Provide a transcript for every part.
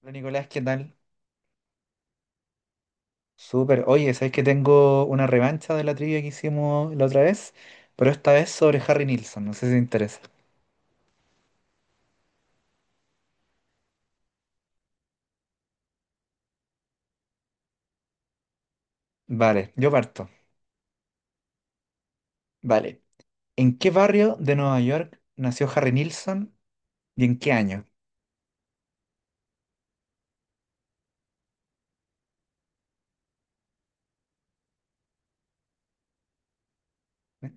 Hola Nicolás, ¿qué tal? Súper. Oye, ¿sabes que tengo una revancha de la trivia que hicimos la otra vez? Pero esta vez sobre Harry Nilsson, no sé si te interesa. Vale, yo parto. Vale. ¿En qué barrio de Nueva York nació Harry Nilsson y en qué año? ¿Eh?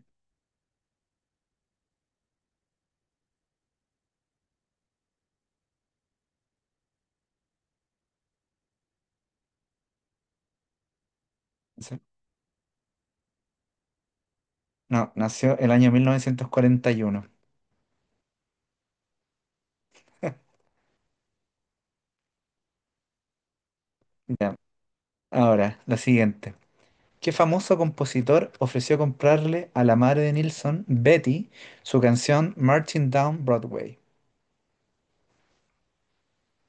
Sí. No, nació el año 1941. Ya. Ahora, la siguiente. ¿Qué famoso compositor ofreció comprarle a la madre de Nilsson, Betty, su canción Marching Down Broadway?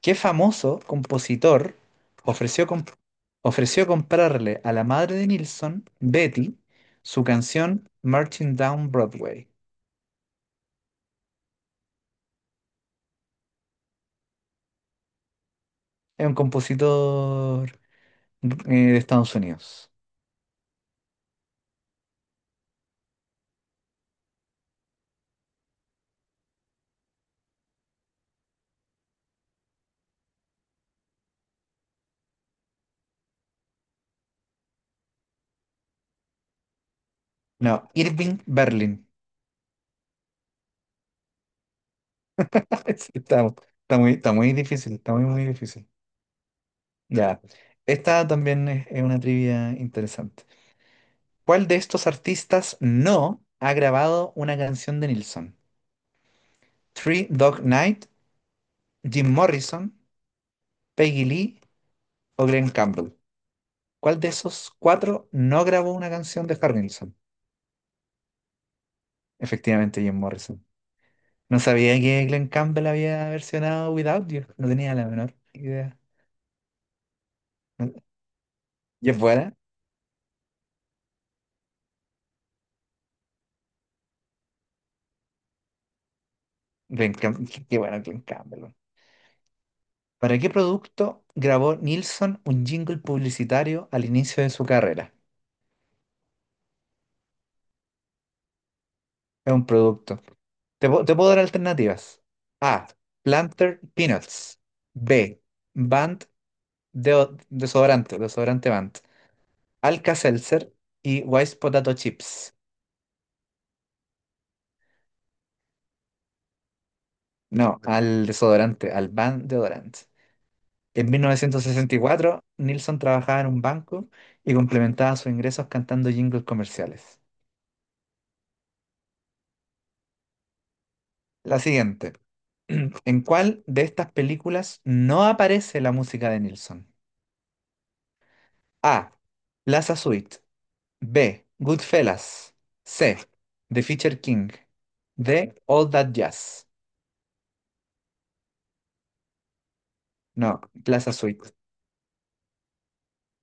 ¿Qué famoso compositor ofreció, comp- ofreció comprarle a la madre de Nilsson, Betty, su canción Marching Down Broadway? Es un compositor eh, de Estados Unidos. No, Irving Berlin. Sí. Está muy, está muy difícil, está muy, muy difícil. Ya, esta también es una trivia interesante. ¿Cuál de estos artistas no ha grabado una canción de Nilsson? Three Dog Night, Jim Morrison, Peggy Lee o Glenn Campbell. ¿Cuál de esos cuatro no grabó una canción de Harrelson? Efectivamente, Jim Morrison. No sabía que Glenn Campbell había versionado Without You. No tenía la menor idea. No, ¿y es buena? Qué bueno Glenn Campbell. ¿Para qué producto grabó Nilsson un jingle publicitario al inicio de su carrera? Es un producto. Te puedo dar alternativas. A. Planter Peanuts. B. Band de desodorante, desodorante Band. Alka-Seltzer y Wise Potato Chips. No, al desodorante, al Van deodorant. En 1964, Nilsson trabajaba en un banco y complementaba sus ingresos cantando jingles comerciales. La siguiente. ¿En cuál de estas películas no aparece la música de Nilsson? A. Plaza Suite. B. Goodfellas. C. The Fisher King. D. All That Jazz. No, Plaza Suite.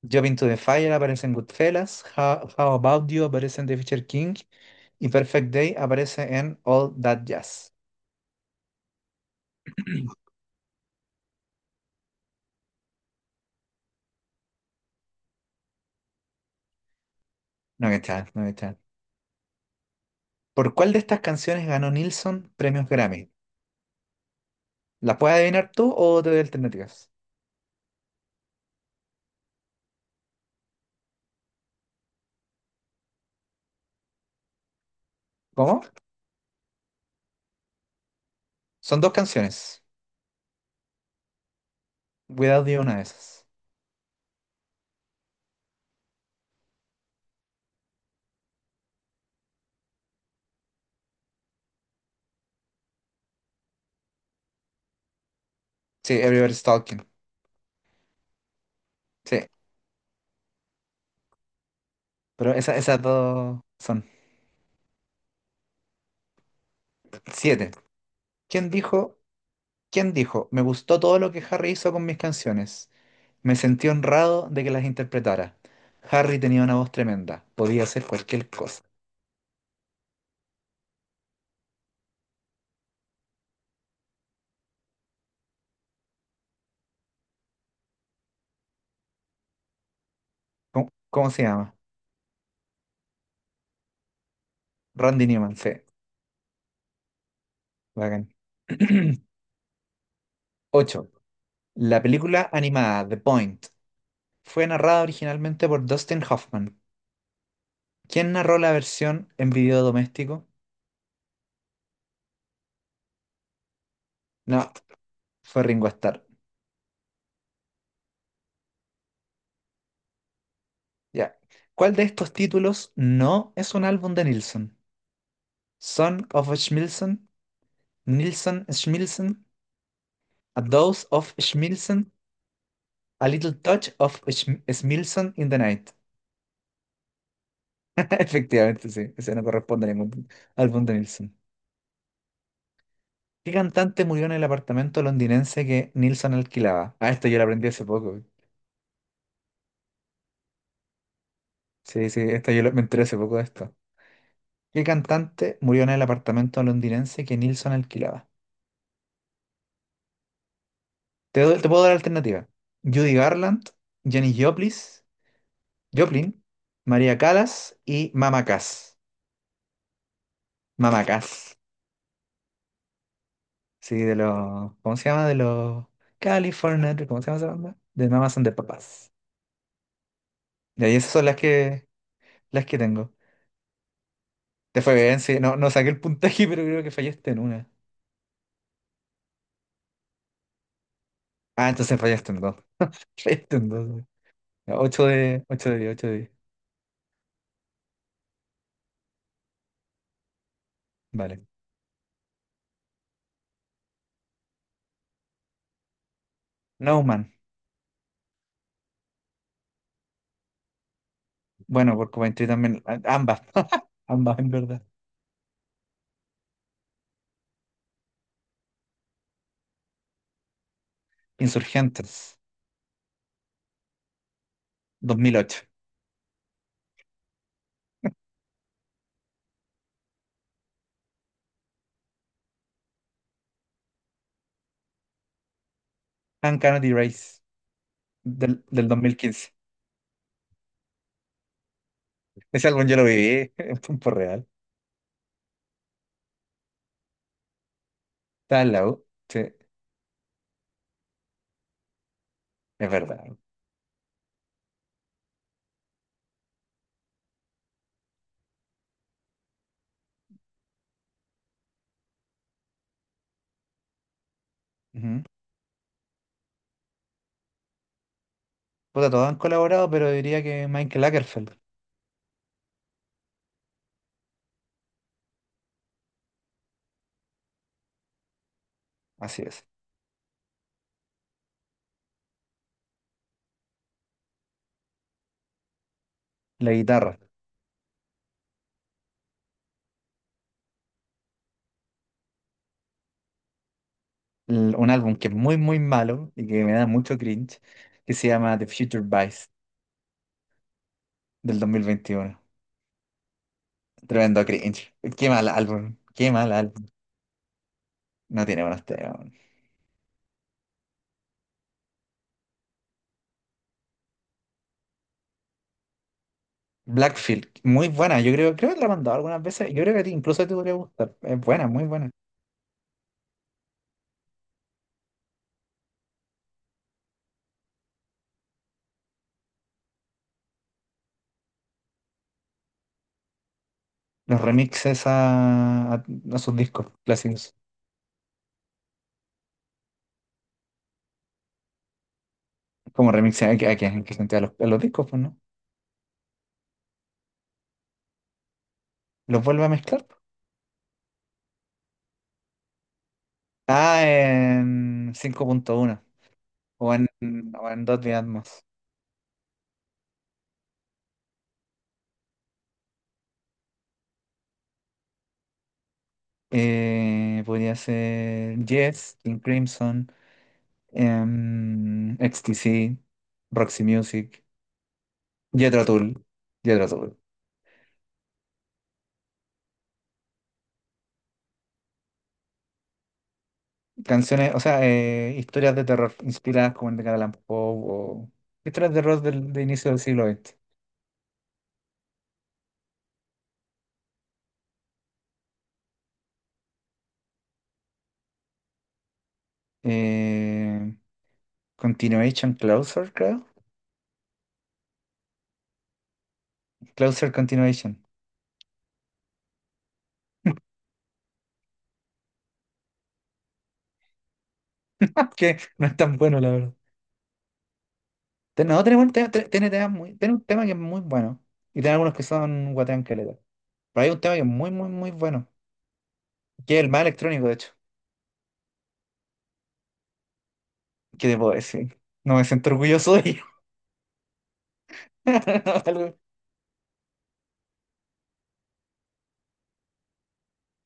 Jump to the Fire aparece en Goodfellas, How About You aparece en The Fisher King y Perfect Day aparece en All That Jazz. No que tal, no que tal. ¿Por cuál de estas canciones ganó Nilsson premios Grammy? ¿La puedes adivinar tú o te doy alternativas? ¿Cómo? Son dos canciones. Without You, una de esas. Sí, Everybody's Talking. Sí, pero esas dos son siete. ¿Quién dijo ¿Quién dijo? Me gustó todo lo que Harry hizo con mis canciones. Me sentí honrado de que las interpretara. Harry tenía una voz tremenda. Podía hacer cualquier cosa. ¿Cómo se llama? Randy Newman, sí. Bacán. 8. La película animada The Point fue narrada originalmente por Dustin Hoffman. ¿Quién narró la versión en video doméstico? No, fue Ringo Starr. Ya. ¿Cuál de estos títulos no es un álbum de Nilsson? Son of a Schmilsson, Nilsson Schmilsson, A dose of Schmilson, a little touch of Schmilson in the night. Efectivamente, sí, ese no corresponde a ningún álbum de Nilsson. ¿Qué cantante murió en el apartamento londinense que Nilsson alquilaba? Ah, esto yo lo aprendí hace poco. Sí, sí, esto me enteré hace poco de esto. ¿Qué cantante murió en el apartamento londinense que Nilsson alquilaba? Te puedo dar alternativa. Judy Garland, Janis Joplin, María Callas y Mama Cass. Mama Cass. Sí, de los, ¿cómo se llama? De los California, ¿cómo se llama esa banda? De Mamas son de papas. Y ahí esas son las que tengo. Te fue bien, sí. No, no saqué el puntaje, pero creo que fallaste en una. Ah, entonces fallaste en dos. Fallaste en dos. Ocho de diez, ocho de diez. Vale. No Man. Bueno, por Coventry también. Ambas. Ambas, en verdad. Insurgentes. 2008. Uncanny Race. Del 2015. Ese álbum yo lo viví en tiempo real. Estaba en la U. Sí, es verdad. Ujú. Puta, todos han colaborado, pero diría que Michael Lagerfeld. Así es. La guitarra. Un álbum que es muy, muy malo y que me da mucho cringe, que se llama The Future Vice del 2021. Tremendo cringe. Qué mal álbum. Qué mal álbum. No tiene buenos temas. Blackfield, muy buena. Yo creo que la he mandado algunas veces. Yo creo que a ti incluso te podría gustar. Es buena, muy buena. Los remixes a sus discos clásicos. Como remixes a que gente a los discos, pues, ¿no? Los vuelve a mezclar. Ah, en 5.1 o en, o en Dolby Atmos. Podría ser Yes, King Crimson, XTC, Roxy Music, Jethro Tull, Jethro Tull. Canciones, o sea, historias de terror inspiradas como el de Edgar Allan Poe o historias de terror de inicio del siglo XX. Eh, Continuation Closer, creo. Closer Continuation. Que no es tan bueno, la verdad. No, tenemos un tema, tiene un tema que es muy bueno. Y tiene algunos que son guatean caleta. Pero hay un tema que es muy, muy, muy bueno. Que es el más electrónico, de hecho. ¿Qué te puedo decir? No me siento orgulloso de ello. Algo-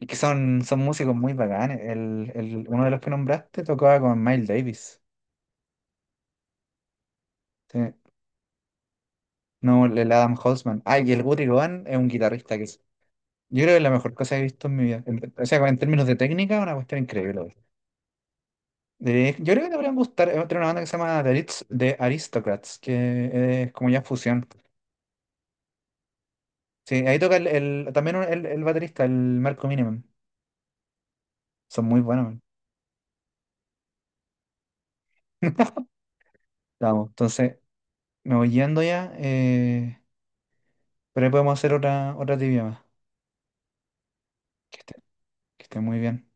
Y que son músicos muy bacanes. Uno de los que nombraste tocaba con Miles Davis. Sí. No, el Adam Holtzman. Ah, y el Guthrie Govan es un guitarrista que es. Yo creo que es la mejor cosa que he visto en mi vida. O sea, en términos de técnica, una cuestión increíble. Yo creo que te podrían gustar, tiene una banda que se llama The Ritz de Aristocrats, que es como ya fusión. Sí, ahí toca también el baterista, el Marco Minimum. Son muy buenos, man. Vamos, entonces me voy yendo ya, pero ahí podemos hacer otra trivia más. Que esté, que esté muy bien.